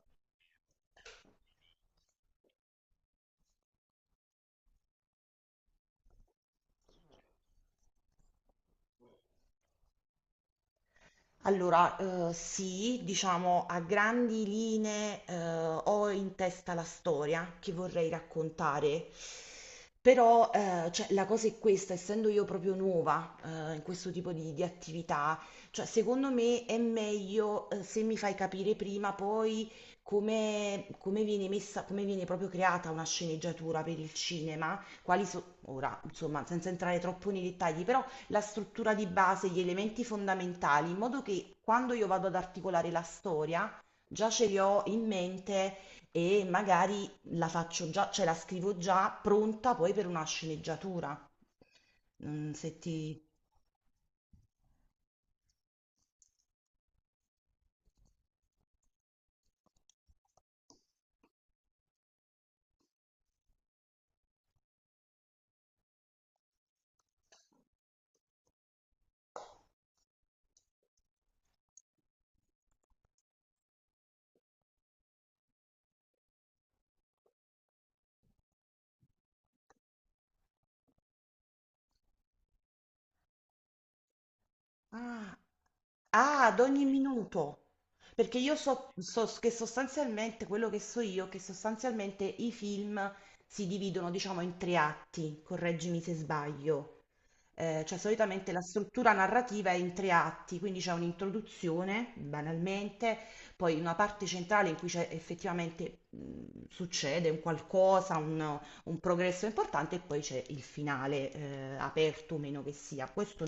Io. Allora, sì, diciamo a grandi linee ho in testa la storia che vorrei raccontare, però cioè, la cosa è questa, essendo io proprio nuova in questo tipo di attività, cioè, secondo me è meglio se mi fai capire prima poi come viene messa, come viene proprio creata una sceneggiatura per il cinema, quali sono, ora, insomma, senza entrare troppo nei dettagli, però la struttura di base, gli elementi fondamentali, in modo che quando io vado ad articolare la storia, già ce li ho in mente e magari la faccio già, cioè la scrivo già pronta poi per una sceneggiatura. Mm, se ti... Ah, ah, ad ogni minuto. Perché io so che sostanzialmente, quello che so io, è che sostanzialmente i film si dividono, diciamo, in tre atti, correggimi se sbaglio. Cioè, solitamente la struttura narrativa è in tre atti, quindi c'è un'introduzione, banalmente, poi una parte centrale in cui c'è effettivamente succede un qualcosa, un progresso importante, e poi c'è il finale, aperto o meno che sia. Questo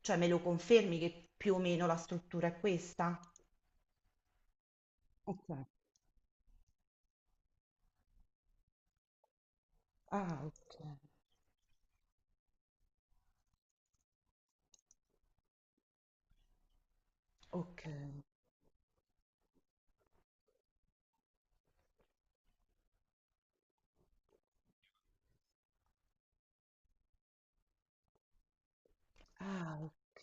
cioè me lo confermi che più o meno la struttura è questa? Ok. Ah, ok, ok, ah, ok.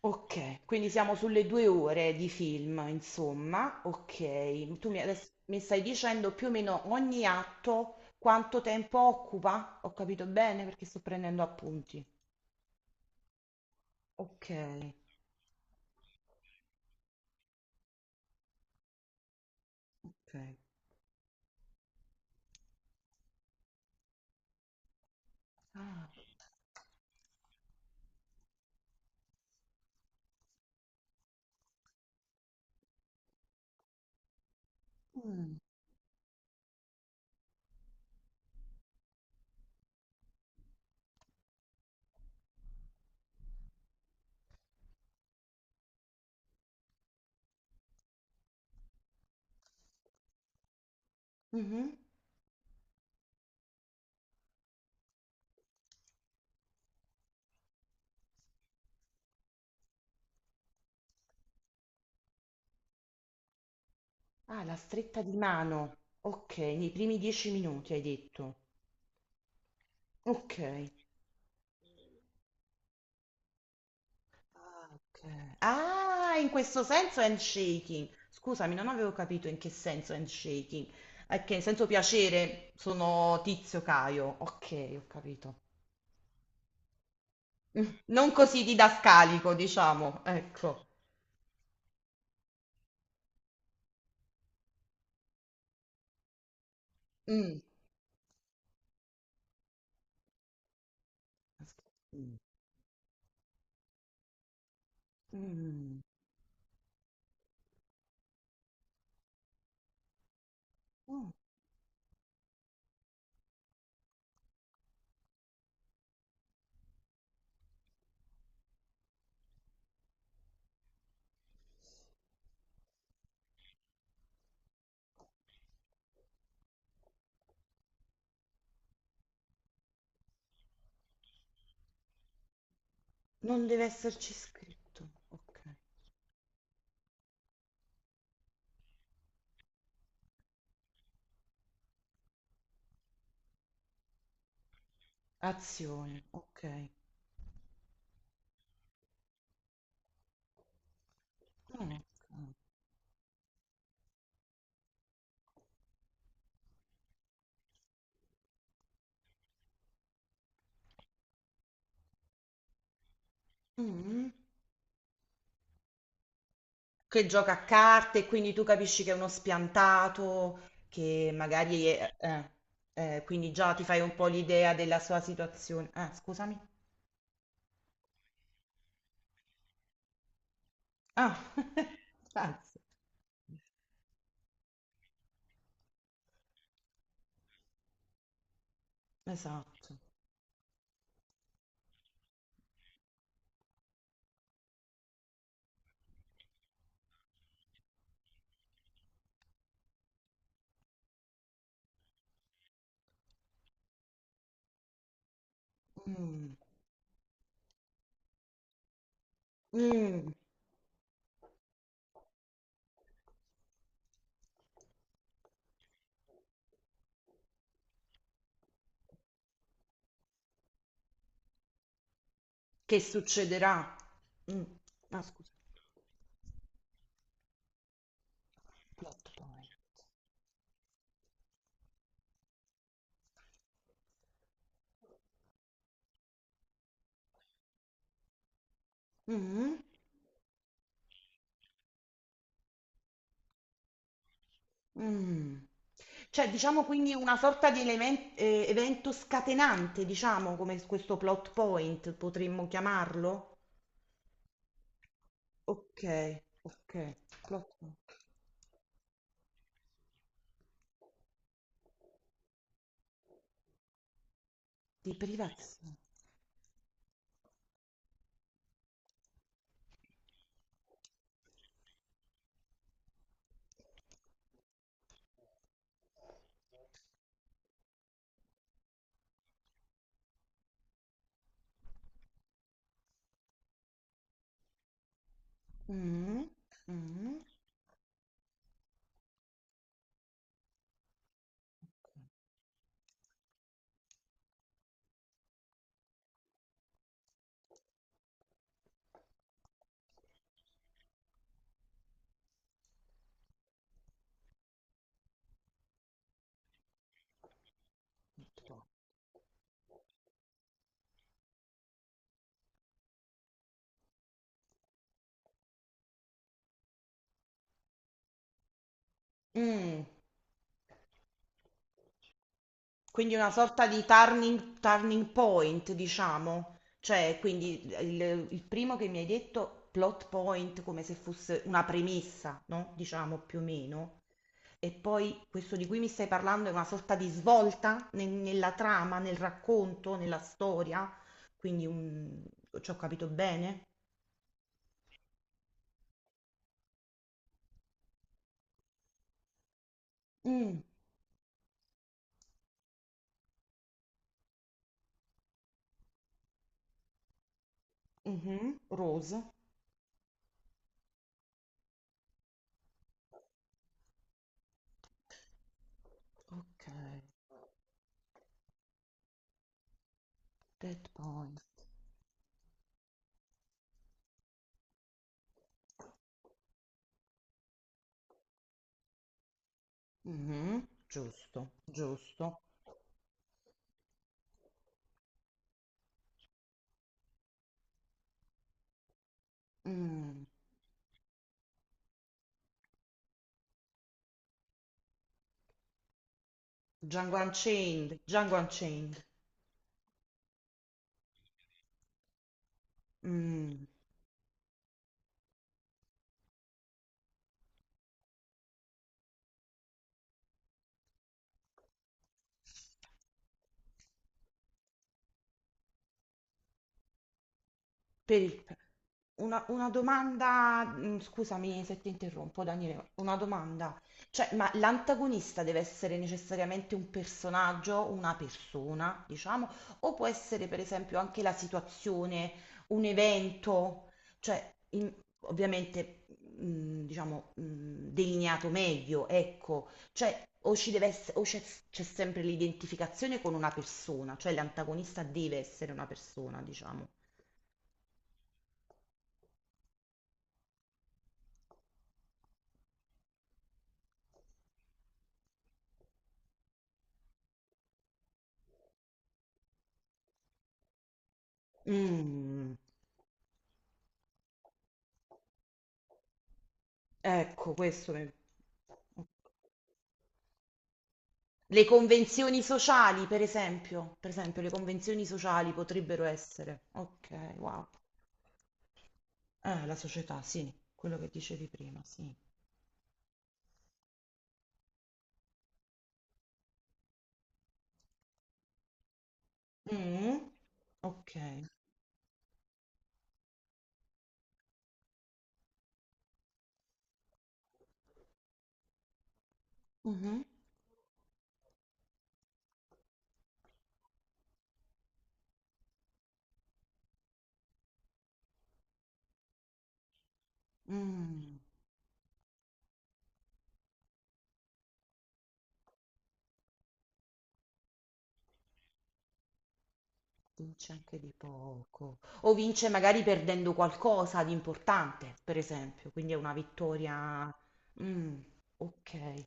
Ok, quindi siamo sulle 2 ore di film, insomma. Ok, tu adesso mi stai dicendo più o meno ogni atto quanto tempo occupa? Ho capito bene perché sto prendendo appunti. Ok, ok. Ah. Mm, mhm. Ah, la stretta di mano. Ok, nei primi 10 minuti hai detto. Ok. Ah, ok. Ah, in questo senso handshaking. Scusami, non avevo capito in che senso handshaking. Ok, in senso piacere sono Tizio Caio. Ok, ho capito. Mm, non così didascalico, diciamo. Ecco. Mm. Mm. Mm. Oh, non deve esserci scritto. Ok. Azione. Ok. Mm. Mm. Che gioca a carte e quindi tu capisci che è uno spiantato, che magari è, quindi già ti fai un po' l'idea della sua situazione. Ah, scusami. Ah, grazie. Esatto. Mm. Mm. Che succederà? Mm. Ah, scusa. Plot point. Mm. Mm. Cioè, diciamo quindi una sorta di evento scatenante, diciamo, come questo plot point potremmo chiamarlo? Ok, ok, plot di privazione. Mm, mm, mm. Quindi una sorta di turning point, diciamo. Cioè, quindi il, primo che mi hai detto, plot point, come se fosse una premessa, no? Diciamo più o meno. E poi questo di cui mi stai parlando è una sorta di svolta nella trama, nel racconto, nella storia. Quindi un... Ci ho capito bene? Mm. Mh-mh. Rose. Okay. Dead point. Mh-mh. Giusto, giusto. Mh. Django Unchained, Django Unchained. Mh. Per il Una domanda, mm, scusami se ti interrompo, Daniele, una domanda. Cioè, ma l'antagonista deve essere necessariamente un personaggio, una persona, diciamo, o può essere per esempio anche la situazione, un evento, cioè, ovviamente, mm, diciamo, mm, delineato meglio, ecco, cioè, o ci deve o c'è sempre l'identificazione con una persona, cioè l'antagonista deve essere una persona, diciamo. Mm. Ecco, questo mi- Le convenzioni sociali, per esempio, le convenzioni sociali potrebbero essere. Ok, wow. La società, sì, quello che dicevi prima, sì. Mm, ok. Mhm. Mm, vince anche di poco. O vince magari perdendo qualcosa di importante, per esempio, quindi è una vittoria. Mm, ok,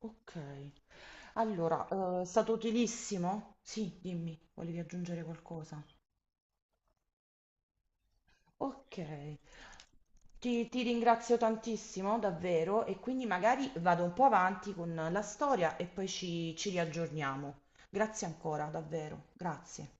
ok. Allora, è stato utilissimo? Sì, dimmi, volevi aggiungere qualcosa? Ok, ti ringrazio tantissimo, davvero, e quindi magari vado un po' avanti con la storia e poi ci riaggiorniamo. Grazie ancora, davvero, grazie.